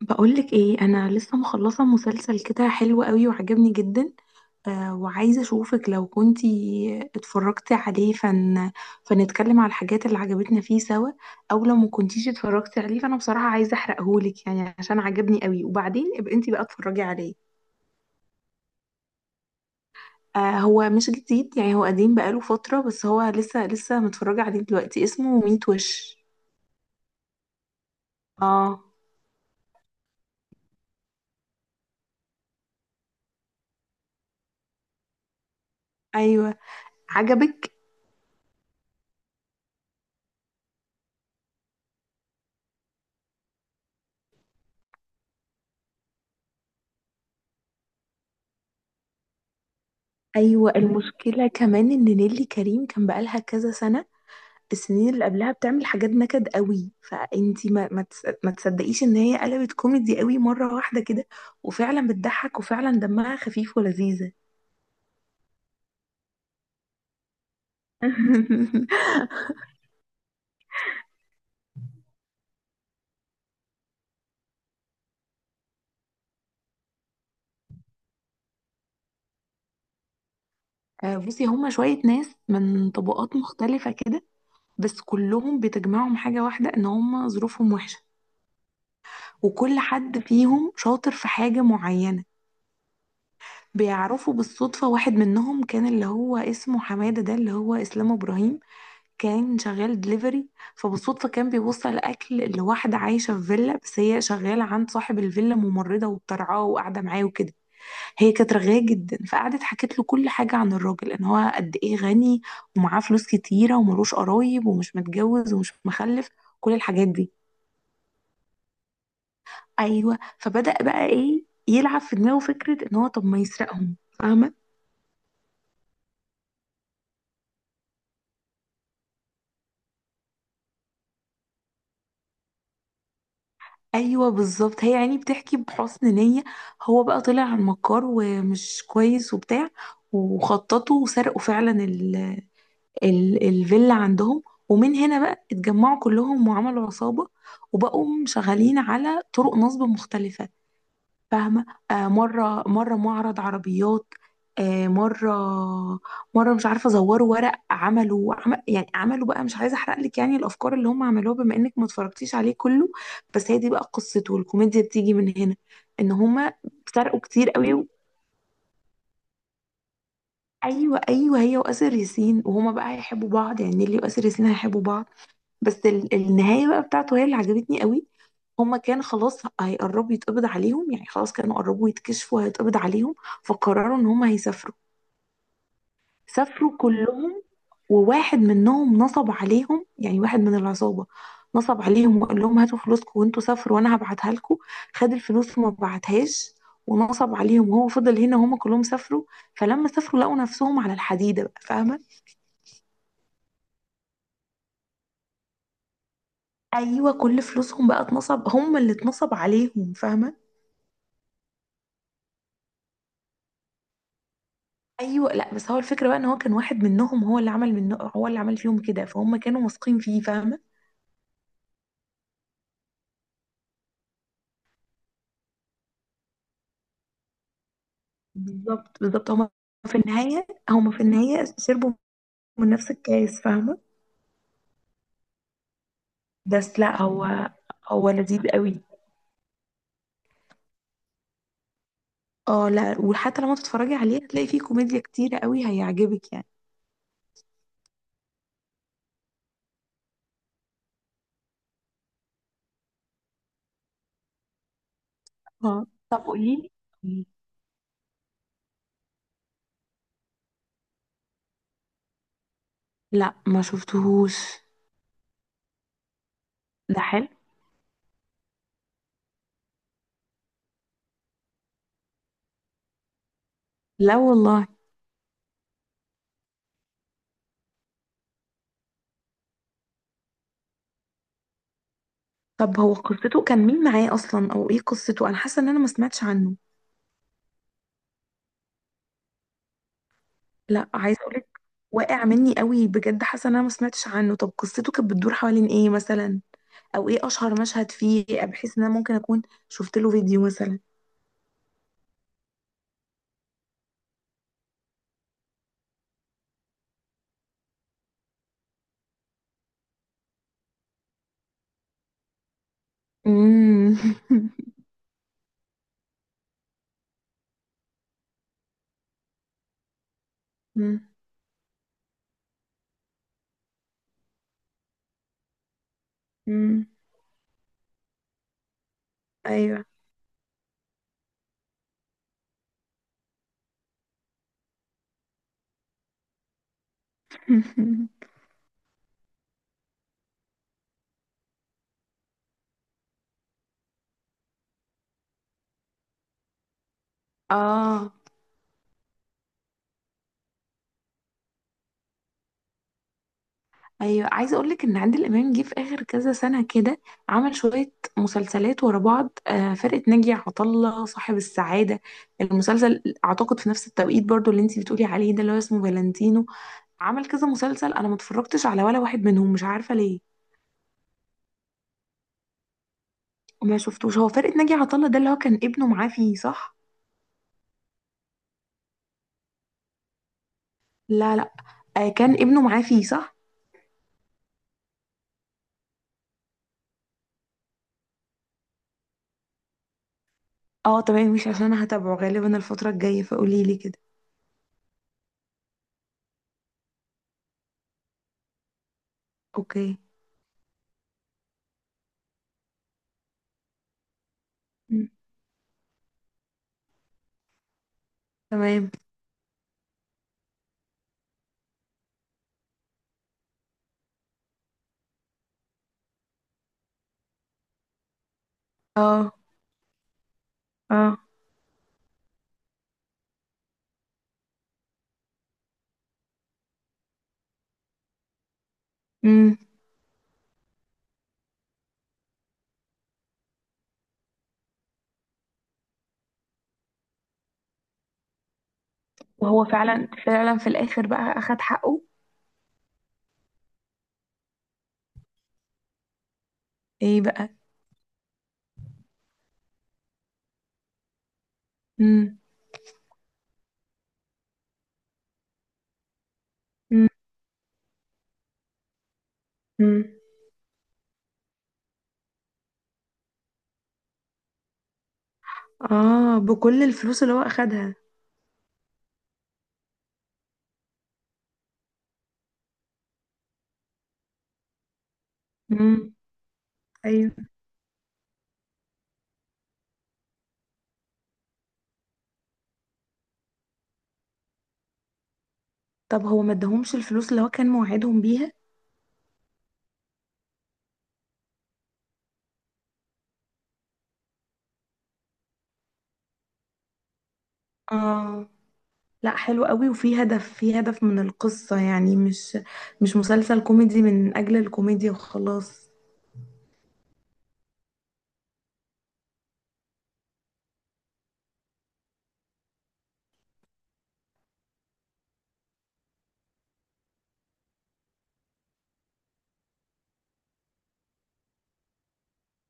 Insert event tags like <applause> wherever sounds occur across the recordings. بقولك ايه؟ انا لسه مخلصه مسلسل كده حلو قوي وعجبني جدا. آه، وعايزه اشوفك لو كنتي اتفرجتي عليه فنتكلم على الحاجات اللي عجبتنا فيه سوا، او لو ما كنتيش اتفرجتي عليه فانا بصراحه عايزه احرقهولك يعني عشان عجبني قوي، وبعدين ابقى انتي بقى اتفرجي عليه. آه، هو مش جديد، يعني هو قديم بقاله فتره، بس هو لسه متفرجه عليه دلوقتي. اسمه ميت وش. اه. ايوه عجبك؟ ايوه، المشكله كمان ان نيلي كريم كان بقالها كذا سنه، السنين اللي قبلها بتعمل حاجات نكد قوي، فانتي ما تصدقيش ان هي قلبت كوميدي قوي مرة واحدة كده، وفعلا بتضحك وفعلا دمها خفيف ولذيذة. <laughs> آه، بصي، هما شوية ناس من طبقات مختلفة كده، بس كلهم بتجمعهم حاجة واحدة ان هما ظروفهم وحشة، وكل حد فيهم شاطر في حاجة معينة. بيعرفوا بالصدفة. واحد منهم كان اللي هو اسمه حمادة، ده اللي هو إسلام إبراهيم، كان شغال دليفري، فبالصدفة كان بيوصل أكل لواحدة عايشة في فيلا، بس هي شغالة عند صاحب الفيلا، ممرضة وبترعاه وقاعدة معاه وكده. هي كانت رغاية جدا، فقعدت حكت له كل حاجة عن الراجل، إن هو قد إيه غني ومعاه فلوس كتيرة وملوش قرايب ومش متجوز ومش مخلف، كل الحاجات دي. أيوه، فبدأ بقى إيه، يلعب في دماغه فكرة إن هو طب ما يسرقهم. فاهمة؟ ايوه بالظبط، هي يعني بتحكي بحسن نية، هو بقى طلع على المكار ومش كويس وبتاع، وخططوا وسرقوا فعلا ال ال الفيلا عندهم. ومن هنا بقى اتجمعوا كلهم وعملوا عصابة، وبقوا شغالين على طرق نصب مختلفة. فاهمة؟ آه، مرة معرض عربيات، آه مرة، مش عارفة زوروا ورق، عملوا عم يعني عملوا بقى، مش عايزة أحرق لك يعني الأفكار اللي هم عملوها بما إنك ما اتفرجتيش عليه كله. بس هي دي بقى قصته، الكوميديا بتيجي من هنا، إن هم سرقوا كتير قوي و... أيوه أيوه، هي وآسر ياسين، وهما بقى هيحبوا بعض، يعني نيلي وآسر ياسين هيحبوا بعض. بس النهاية بقى بتاعته هي اللي عجبتني قوي. هما كان خلاص هيقربوا يتقبض عليهم، يعني خلاص كانوا قربوا يتكشفوا هيتقبض عليهم، فقرروا ان هما هيسافروا. سافروا كلهم، وواحد منهم نصب عليهم، يعني واحد من العصابة نصب عليهم وقال لهم هاتوا فلوسكم وانتوا سافروا وانا هبعتها لكم. خد الفلوس وما بعتهاش، ونصب عليهم، وهو فضل هنا وهما كلهم سافروا. فلما سافروا لقوا نفسهم على الحديدة بقى. فاهمة؟ ايوه، كل فلوسهم بقى اتنصب، هم اللي اتنصب عليهم. فاهمة؟ ايوه، لا بس هو الفكره بقى ان هو كان واحد منهم هو اللي عمل منه، هو اللي عمل فيهم كده، فهم كانوا واثقين فيه. فاهمه؟ بالظبط بالظبط، هما في النهايه هما في النهايه شربوا من نفس الكاس. فاهمه؟ بس لا هو لذيذ قوي. اه لا، وحتى لما تتفرجي عليه هتلاقي فيه كوميديا كتيره قوي، هيعجبك يعني. اه، طب قولي لي. لا ما شفتهوش. ده حلو. لا والله. طب هو قصته كان مين معاه اصلا، او ايه قصته؟ انا حاسه ان انا ما سمعتش عنه. لا عايزه اقولك، واقع مني قوي بجد، حاسه ان انا ما سمعتش عنه. طب قصته كانت بتدور حوالين ايه مثلا؟ او ايه اشهر مشهد فيه بحيث ان انا ممكن اكون شفت له فيديو مثلا؟ امم. <laughs> امم. ايوه. <laughs> اه، ايوه عايزه اقول لك ان عادل امام جه في اخر كذا سنه كده عمل شويه مسلسلات ورا بعض. آه، فرقه ناجي عطا الله، صاحب السعاده، المسلسل اعتقد في نفس التوقيت برضو اللي انتي بتقولي عليه ده اللي هو اسمه فالنتينو. عمل كذا مسلسل انا ما اتفرجتش على ولا واحد منهم، مش عارفه ليه. ما شفتوش. هو فرقه ناجي عطا الله ده اللي هو كان ابنه معاه فيه، صح؟ لا لا. آه، كان ابنه معاه فيه، صح؟ اه تمام، مش عشان انا هتابعه غالبا الفتره الجايه، فقولي لي كده. اوكي. مم. تمام. اه. اه. امم. وهو فعلا فعلا في الاخر بقى اخد حقه؟ ايه بقى؟ امم. امم. امم. اه، بكل الفلوس اللي هو اخدها؟ امم. ايوه. طب هو ما اداهمش الفلوس اللي هو كان موعدهم بيها؟ اه. لا حلو قوي، وفي هدف، في هدف من القصة يعني، مش مسلسل كوميدي من أجل الكوميديا وخلاص.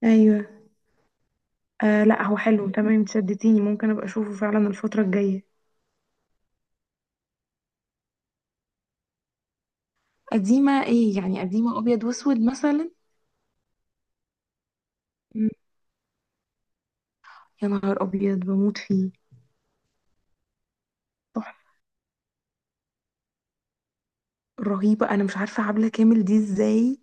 أيوة. آه لا هو حلو، تمام انت شدتيني، ممكن أبقى أشوفه فعلا الفترة الجاية. قديمة إيه يعني؟ قديمة أبيض وأسود مثلا؟ مم، يا نهار أبيض بموت فيه. تحفة. رهيبة. أنا مش عارفة عبلة كامل دي إزاي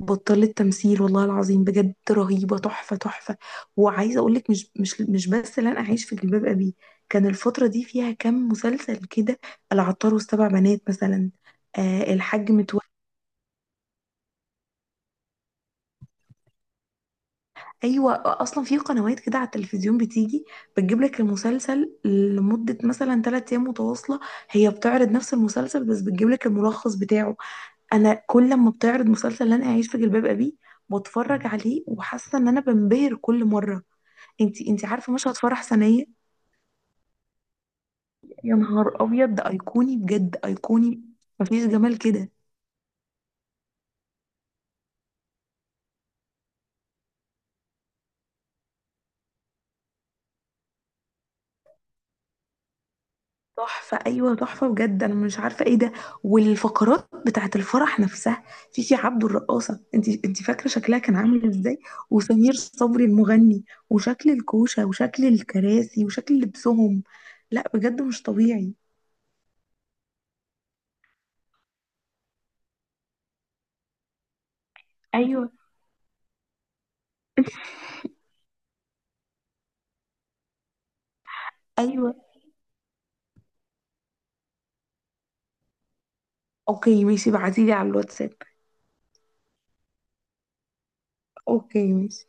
بطلت تمثيل، والله العظيم بجد رهيبة، تحفة تحفة. وعايزة أقولك مش بس لن أعيش في جلباب أبي، كان الفترة دي فيها كام مسلسل كده، العطار والسبع بنات مثلا، آه الحاج متولي. أيوة، أصلا في قنوات كده على التلفزيون بتيجي، بتجيب لك المسلسل لمدة مثلا 3 أيام متواصلة، هي بتعرض نفس المسلسل بس بتجيب لك الملخص بتاعه. انا كل ما بتعرض مسلسل اللي انا اعيش في جلباب ابي، بتفرج عليه وحاسه ان انا بنبهر كل مره. انتي عارفه مشهد فرح سنيه؟ يا نهار ابيض، ده ايقوني بجد، ايقوني، مفيش جمال كده. تحفه، ايوه تحفه بجد، انا مش عارفه ايه ده. والفقرات بتاعت الفرح نفسها، فيفي عبده الرقاصه، انتي فاكره شكلها كان عامل ازاي؟ وسمير صبري المغني، وشكل الكوشه وشكل الكراسي وشكل لبسهم، لا بجد مش طبيعي. ايوه. ايوه. اوكي ماشي، بعتيلي على الواتساب. اوكي ماشي.